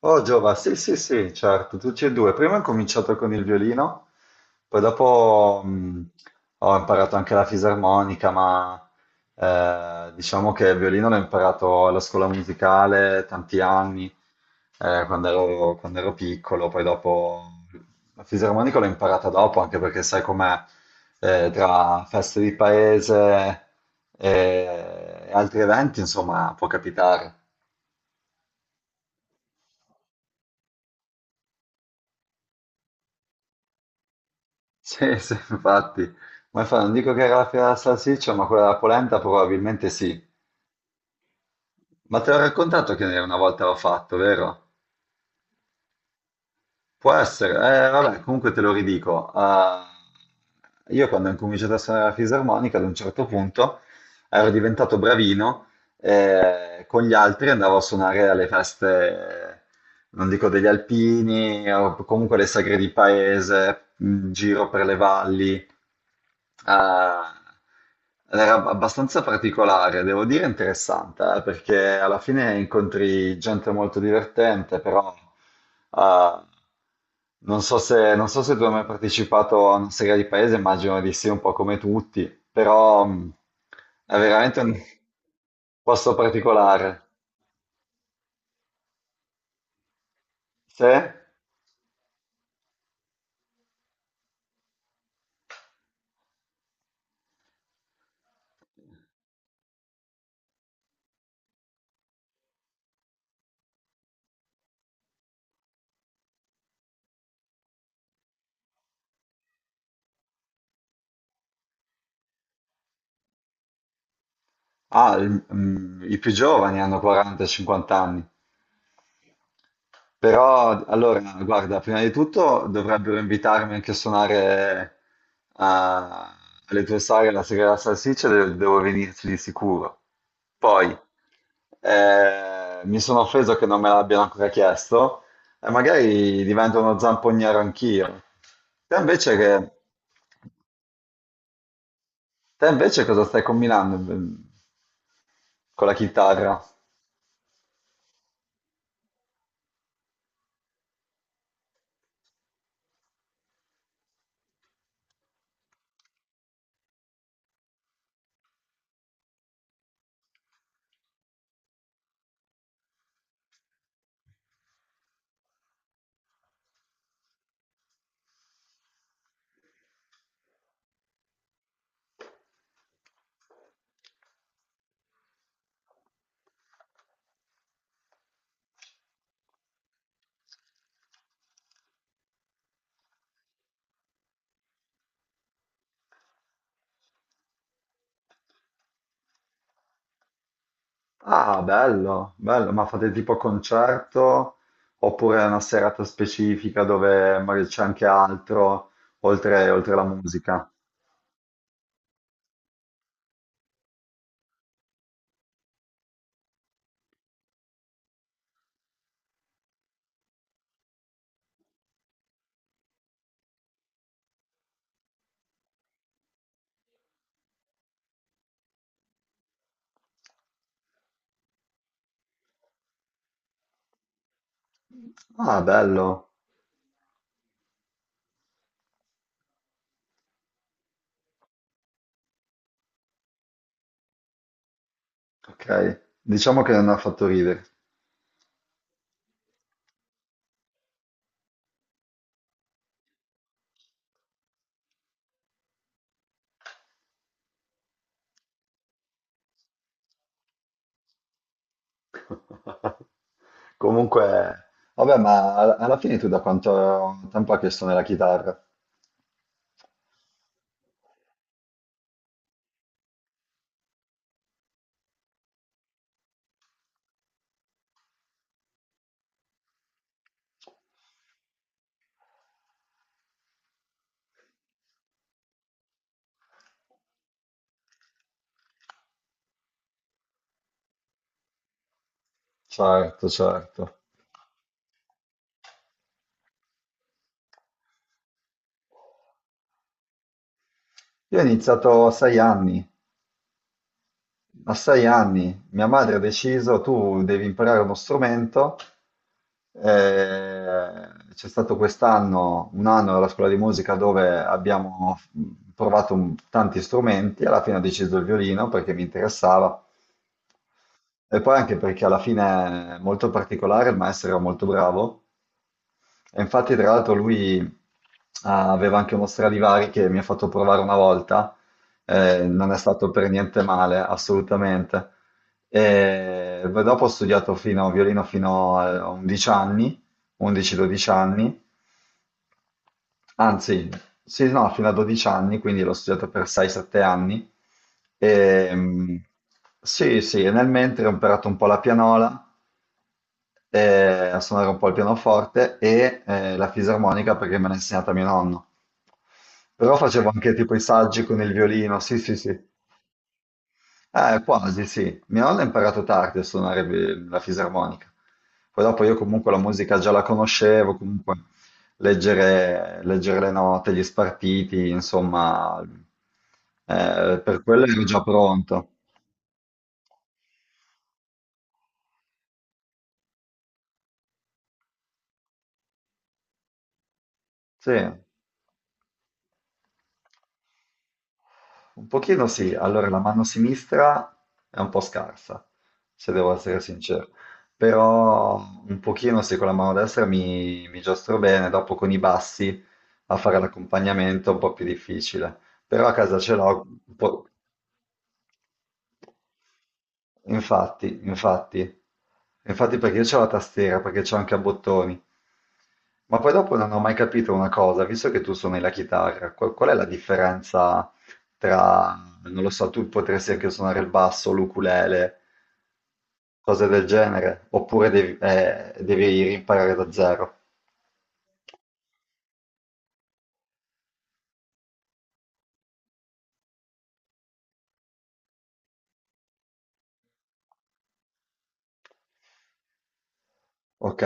Oh Giova, sì sì sì, certo, tutti e due. Prima ho cominciato con il violino, poi dopo ho imparato anche la fisarmonica, ma diciamo che il violino l'ho imparato alla scuola musicale tanti anni, quando ero piccolo, poi dopo la fisarmonica l'ho imparata dopo, anche perché sai com'è, tra feste di paese e altri eventi, insomma, può capitare. Sì, sì, infatti. Ma non dico che era la fiera della salsiccia, ma quella della polenta probabilmente sì. Ma te l'ho raccontato che una volta l'ho fatto, vero? Può essere. Vabbè, comunque te lo ridico. Ah, io quando ho incominciato a suonare la fisarmonica, ad un certo punto ero diventato bravino e con gli altri andavo a suonare alle feste, non dico degli alpini, o comunque alle sagre di paese, in giro per le valli. Ah, era abbastanza particolare, devo dire interessante, perché alla fine incontri gente molto divertente, però ah, non so se tu hai mai partecipato a una serie di paese, immagino di sì, un po' come tutti, però è veramente un posto particolare. Se? Ah, i più giovani hanno 40-50 anni. Però, allora, guarda, prima di tutto dovrebbero invitarmi anche a suonare a- alle tue sagre la sera della salsiccia, devo venirci di sicuro. Poi, mi sono offeso che non me l'abbiano ancora chiesto, e magari divento uno zampogniero anch'io. Te invece che. Te invece cosa stai combinando con la chitarra? Ah, bello, bello, ma fate tipo concerto oppure è una serata specifica dove magari c'è anche altro oltre la musica? Ah, bello, ok, diciamo che non ha fatto ridere. Comunque, vabbè, ma alla fine tu da quanto tempo hai che suoni la chitarra? Certo, certo. Io ho iniziato a 6 anni. A sei anni mia madre ha deciso, tu devi imparare uno strumento. C'è stato quest'anno un anno alla scuola di musica dove abbiamo provato tanti strumenti, alla fine ho deciso il violino perché mi interessava e poi anche perché alla fine è molto particolare, il maestro era molto bravo e infatti, tra l'altro, lui aveva anche uno Stradivari che mi ha fatto provare una volta, non è stato per niente male, assolutamente. E poi dopo ho studiato fino, violino fino a 11 anni, 11-12 anni, anzi, sì, no, fino a 12 anni, quindi l'ho studiato per 6-7 anni. E, mm, sì, sì, e nel mentre ho imparato un po' la pianola, a suonare un po' il pianoforte e la fisarmonica perché me l'ha insegnata mio nonno. Però facevo, ok, anche tipo i saggi con il violino, sì, sì, sì. Quasi, sì. Mio nonno ha imparato tardi a suonare la fisarmonica. Poi dopo io comunque la musica già la conoscevo, comunque leggere le note, gli spartiti, insomma, per quello ero già pronto. Sì. Un pochino sì, allora la mano sinistra è un po' scarsa, se devo essere sincero, però un pochino sì, con la mano destra mi giostro bene, dopo con i bassi a fare l'accompagnamento è un po' più difficile, però a casa ce l'ho, infatti, infatti, infatti perché io c'ho la tastiera, perché c'ho anche a bottoni. Ma poi dopo non ho mai capito una cosa, visto che tu suoni la chitarra, qual è la differenza tra, non lo so, tu potresti anche suonare il basso, l'ukulele, cose del genere, oppure devi imparare da zero. Ok,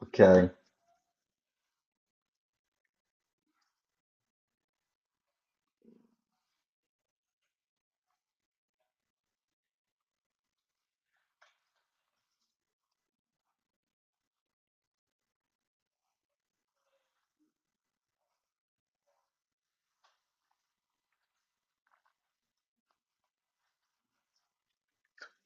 ok.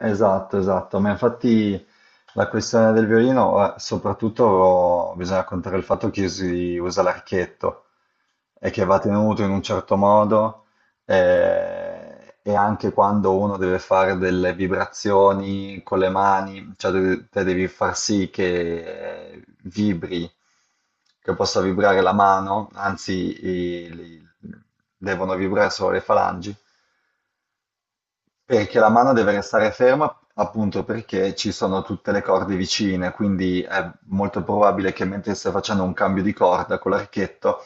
Esatto, esatto, ma infatti la questione del violino, soprattutto bisogna contare il fatto che si usa l'archetto e che va tenuto in un certo modo e anche quando uno deve fare delle vibrazioni con le mani, cioè te devi far sì che vibri, che possa vibrare la mano, anzi i- li- devono vibrare solo le falangi perché la mano deve restare ferma appunto perché ci sono tutte le corde vicine, quindi è molto probabile che mentre stai facendo un cambio di corda con l'archetto,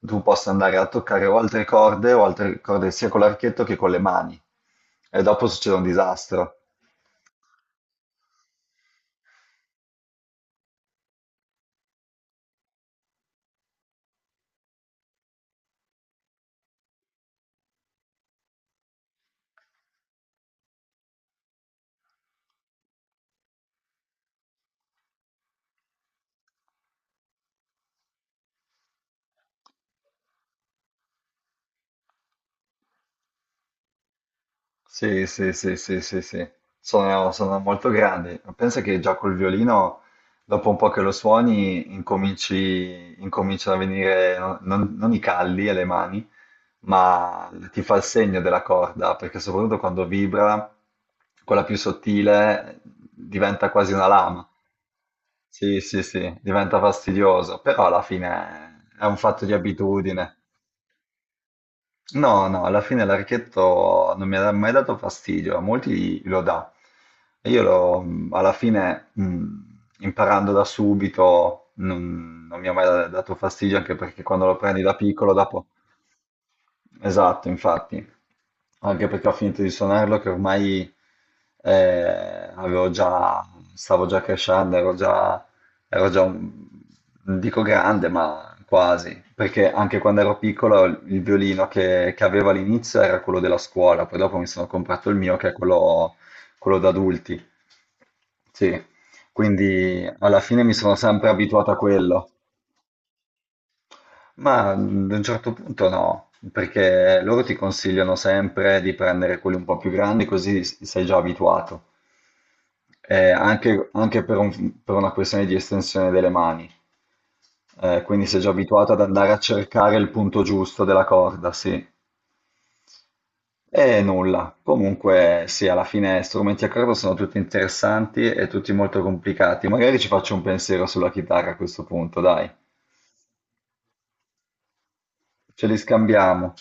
tu possa andare a toccare o altre corde sia con l'archetto che con le mani. E dopo succede un disastro. Sì, sì, sì, sì, sì, sì. Sono molto grandi. Pensa che già col violino, dopo un po' che lo suoni, incominciano a venire non i calli alle mani, ma ti fa il segno della corda, perché soprattutto quando vibra, quella più sottile diventa quasi una lama. Sì, sì, sì, diventa fastidioso, però alla fine è un fatto di abitudine. No, no, alla fine l'archetto non mi ha mai dato fastidio, a molti lo dà. E io l'ho, alla fine, imparando da subito, non mi ha mai dato fastidio, anche perché quando lo prendi da piccolo, dopo. Esatto, infatti anche perché ho finito di suonarlo che ormai avevo già, stavo già crescendo, ero già non dico grande, ma quasi, perché anche quando ero piccolo il violino che avevo all'inizio era quello della scuola, poi dopo mi sono comprato il mio che è quello, quello da adulti, sì, quindi alla fine mi sono sempre abituato a quello. Ma ad un certo punto no, perché loro ti consigliano sempre di prendere quelli un po' più grandi, così sei già abituato. Anche per una questione di estensione delle mani. Quindi sei già abituato ad andare a cercare il punto giusto della corda, sì. E nulla. Comunque, sì, alla fine strumenti a corda sono tutti interessanti e tutti molto complicati. Magari ci faccio un pensiero sulla chitarra a questo punto, dai. Ce li scambiamo.